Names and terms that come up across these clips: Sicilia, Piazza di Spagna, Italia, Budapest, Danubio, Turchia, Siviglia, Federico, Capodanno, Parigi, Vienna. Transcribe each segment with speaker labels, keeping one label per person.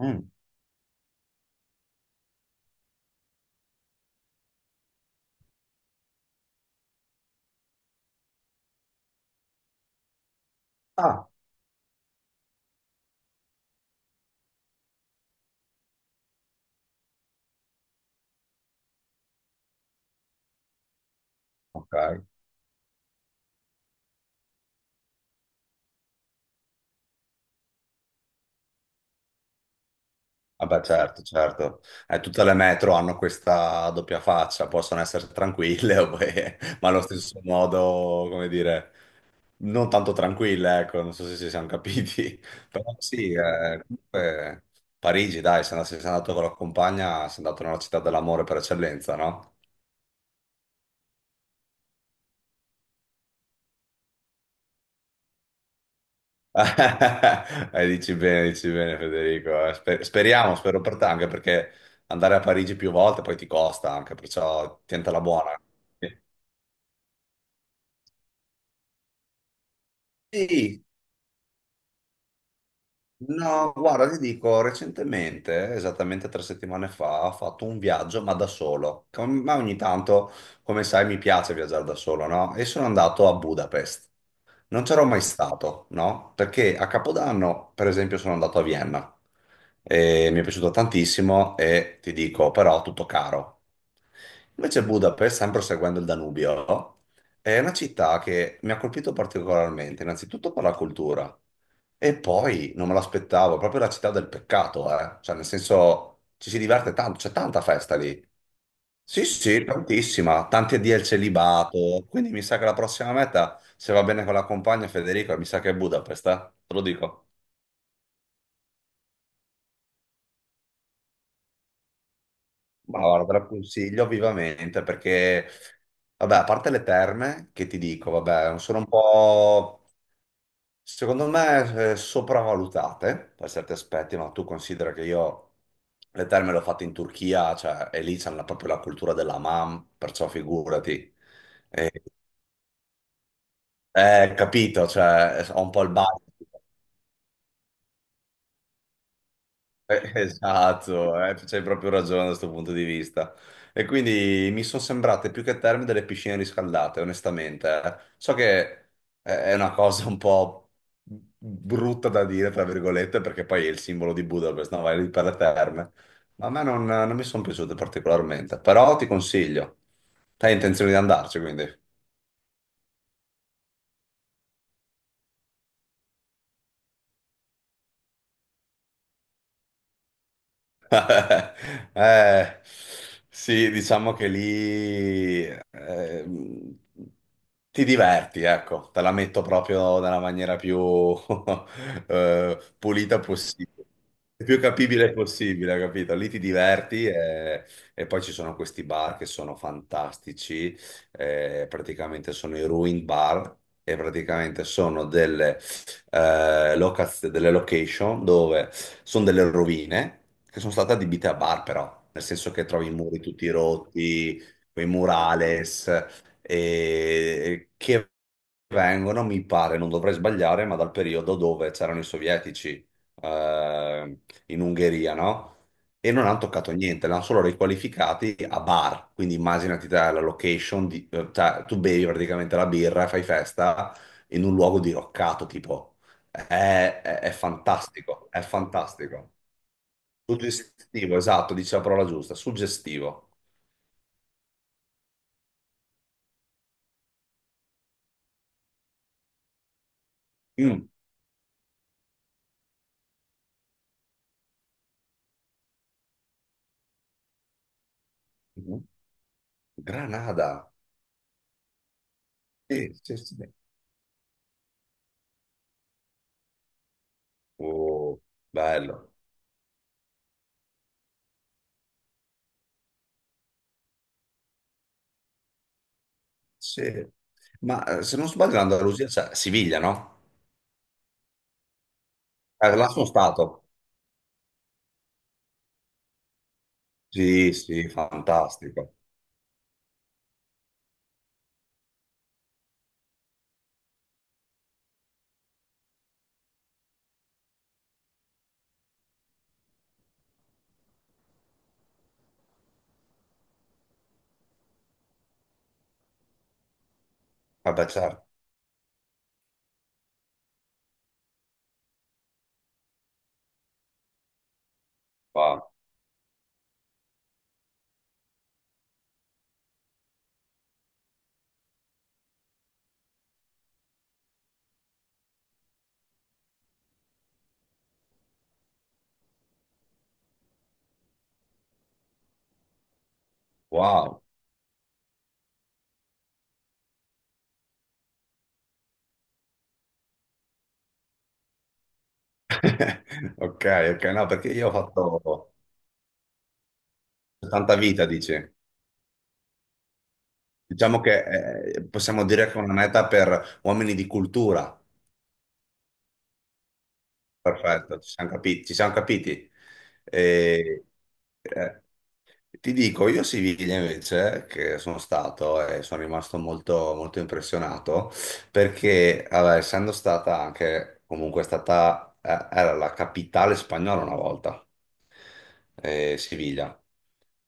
Speaker 1: Mm. Ah, ok. Vabbè, certo, certo. Tutte le metro hanno questa doppia faccia, possono essere tranquille, ma allo stesso modo, come dire, non tanto tranquille, ecco, non so se ci siamo capiti. Però sì, comunque Parigi, dai, se sei andato con la compagna, sei andato nella città dell'amore per eccellenza, no? Dici bene Federico. Eh. Speriamo, spero per te, anche perché andare a Parigi più volte poi ti costa anche, perciò tientala buona. Sì. No, guarda, ti dico, recentemente, esattamente tre settimane fa, ho fatto un viaggio, ma da solo. Ma ogni tanto, come sai, mi piace viaggiare da solo, no? E sono andato a Budapest. Non c'ero mai stato, no? Perché a Capodanno, per esempio, sono andato a Vienna e mi è piaciuto tantissimo e ti dico, però, tutto caro. Invece Budapest, sempre seguendo il Danubio, è una città che mi ha colpito particolarmente, innanzitutto per la cultura. E poi non me l'aspettavo, proprio la città del peccato, eh. Cioè, nel senso, ci si diverte tanto, c'è tanta festa lì. Sì, sì, tantissima, tanti addio al celibato. Quindi mi sa che la prossima meta, se va bene con la compagna Federico, mi sa che è Budapest, eh. Te lo dico. Ma guarda, te la consiglio vivamente perché, vabbè, a parte le terme, che ti dico, vabbè, sono un po'. Secondo me sopravvalutate per certi aspetti, ma tu considera che io le terme le ho fatte in Turchia, cioè, e lì proprio la cultura della mam, perciò figurati. Eh, capito, cioè, ho un po' il bar. Esatto, c'hai proprio ragione da questo punto di vista. E quindi mi sono sembrate più che terme delle piscine riscaldate, onestamente. Eh. So che è una cosa un po' brutta da dire, tra virgolette, perché poi è il simbolo di Budapest, no? Vai lì per le terme. Ma a me non mi sono piaciute particolarmente, però ti consiglio. Hai intenzione di andarci, quindi. Eh, sì, diciamo che lì ehm, ti diverti, ecco, te la metto proprio nella maniera più pulita possibile, più capibile possibile, capito? Lì ti diverti e poi ci sono questi bar che sono fantastici, praticamente sono i ruin bar e praticamente sono delle delle location dove sono delle rovine che sono state adibite a bar, però, nel senso che trovi i muri tutti rotti, quei murales, e che vengono, mi pare, non dovrei sbagliare, ma dal periodo dove c'erano i sovietici eh, in Ungheria, no? E non hanno toccato niente, l'hanno solo riqualificati a bar. Quindi immaginati te la location, cioè tu bevi praticamente la birra, fai festa in un luogo diroccato, tipo. È, è fantastico, è fantastico. Suggestivo, esatto, dice la parola giusta, suggestivo. Mm. Mhm. Granada. Sì, sì, sì. Oh, bello. Sì. Ma se non sbaglio l'Andalusia c'è Siviglia, no? Là sono stato. Sì, sì, fantastico. Vabbè, certo. Wow. Wow. Ok, ok, no, perché io ho fatto 70 vita, dici. Diciamo che possiamo dire che è una meta per uomini di cultura. Perfetto, ci siamo capiti. Ci siamo capiti. E, eh, ti dico, io a Siviglia invece, che sono stato e sono rimasto molto, molto impressionato, perché vabbè, essendo stata anche, comunque è stata, era la capitale spagnola una volta Siviglia.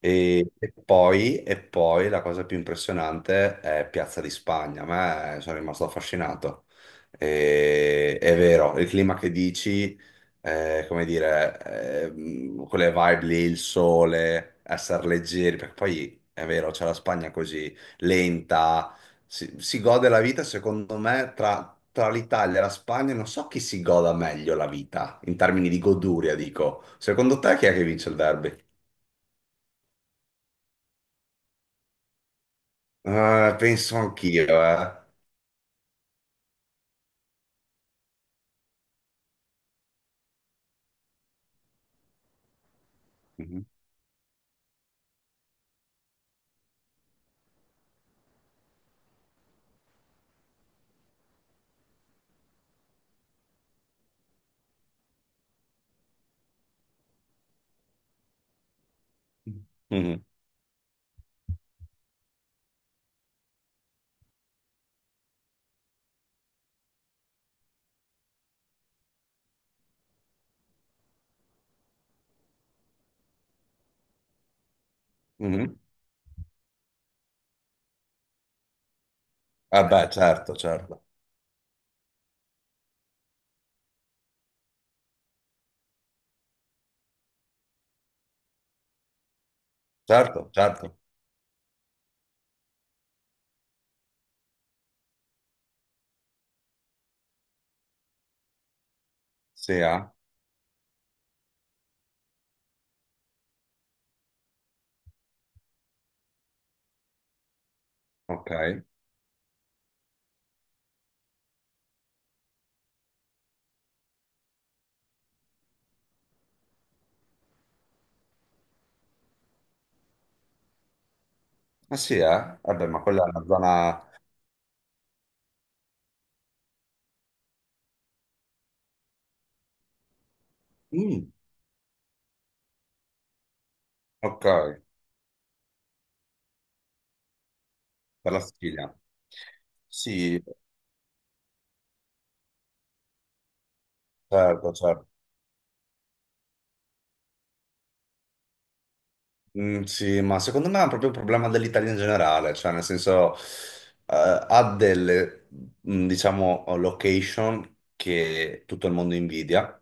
Speaker 1: E poi la cosa più impressionante è Piazza di Spagna. A me sono rimasto affascinato. È vero, il clima che dici, come dire, quelle vibe lì, il sole, essere leggeri, perché poi è vero, c'è la Spagna così lenta si, si gode la vita, secondo me, tra l'Italia e la Spagna, non so chi si goda meglio la vita, in termini di goduria, dico. Secondo te chi è che vince il derby? Penso anch'io, eh. Mhm. Mhm. Mhm. Ah, beh, certo, certo, certo, certo. Sì, eh? Ok. Ah sì, eh? Vabbè, ma quella è una zona... Mm, ok, per la Sicilia. Sì, certo, certo. Mm, sì, ma secondo me è proprio un problema dell'Italia in generale, cioè nel senso ha delle, mm, diciamo, location che tutto il mondo invidia.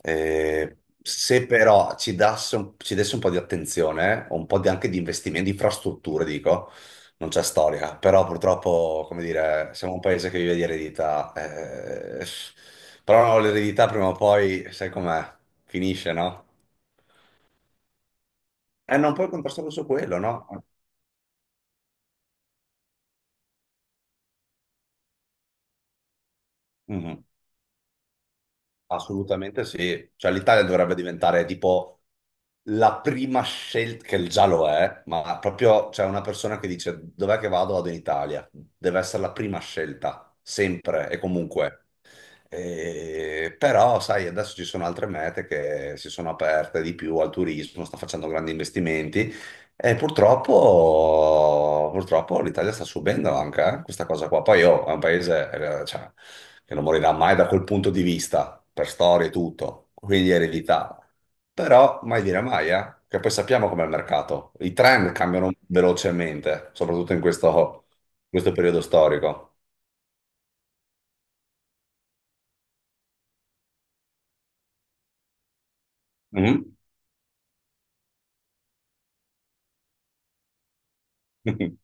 Speaker 1: Eh, se però ci desse un po' di attenzione, o un po' anche di investimenti, di infrastrutture, dico, non c'è storia, però purtroppo, come dire, siamo un paese che vive di eredità, però l'eredità prima o poi, sai com'è, finisce, no? E non puoi contrastare su quello, no? Mhm. Assolutamente sì, cioè l'Italia dovrebbe diventare tipo la prima scelta, che già lo è, ma proprio c'è una persona che dice dov'è che vado? Vado in Italia, deve essere la prima scelta, sempre e comunque. Però, sai, adesso ci sono altre mete che si sono aperte di più al turismo, sta facendo grandi investimenti e purtroppo l'Italia sta subendo anche questa cosa qua. Poi, oh, è un paese, cioè, che non morirà mai da quel punto di vista, per storia e tutto, quindi eredità. Però mai dire mai, che poi sappiamo com'è il mercato. I trend cambiano velocemente, soprattutto in questo, questo periodo storico. Mhm.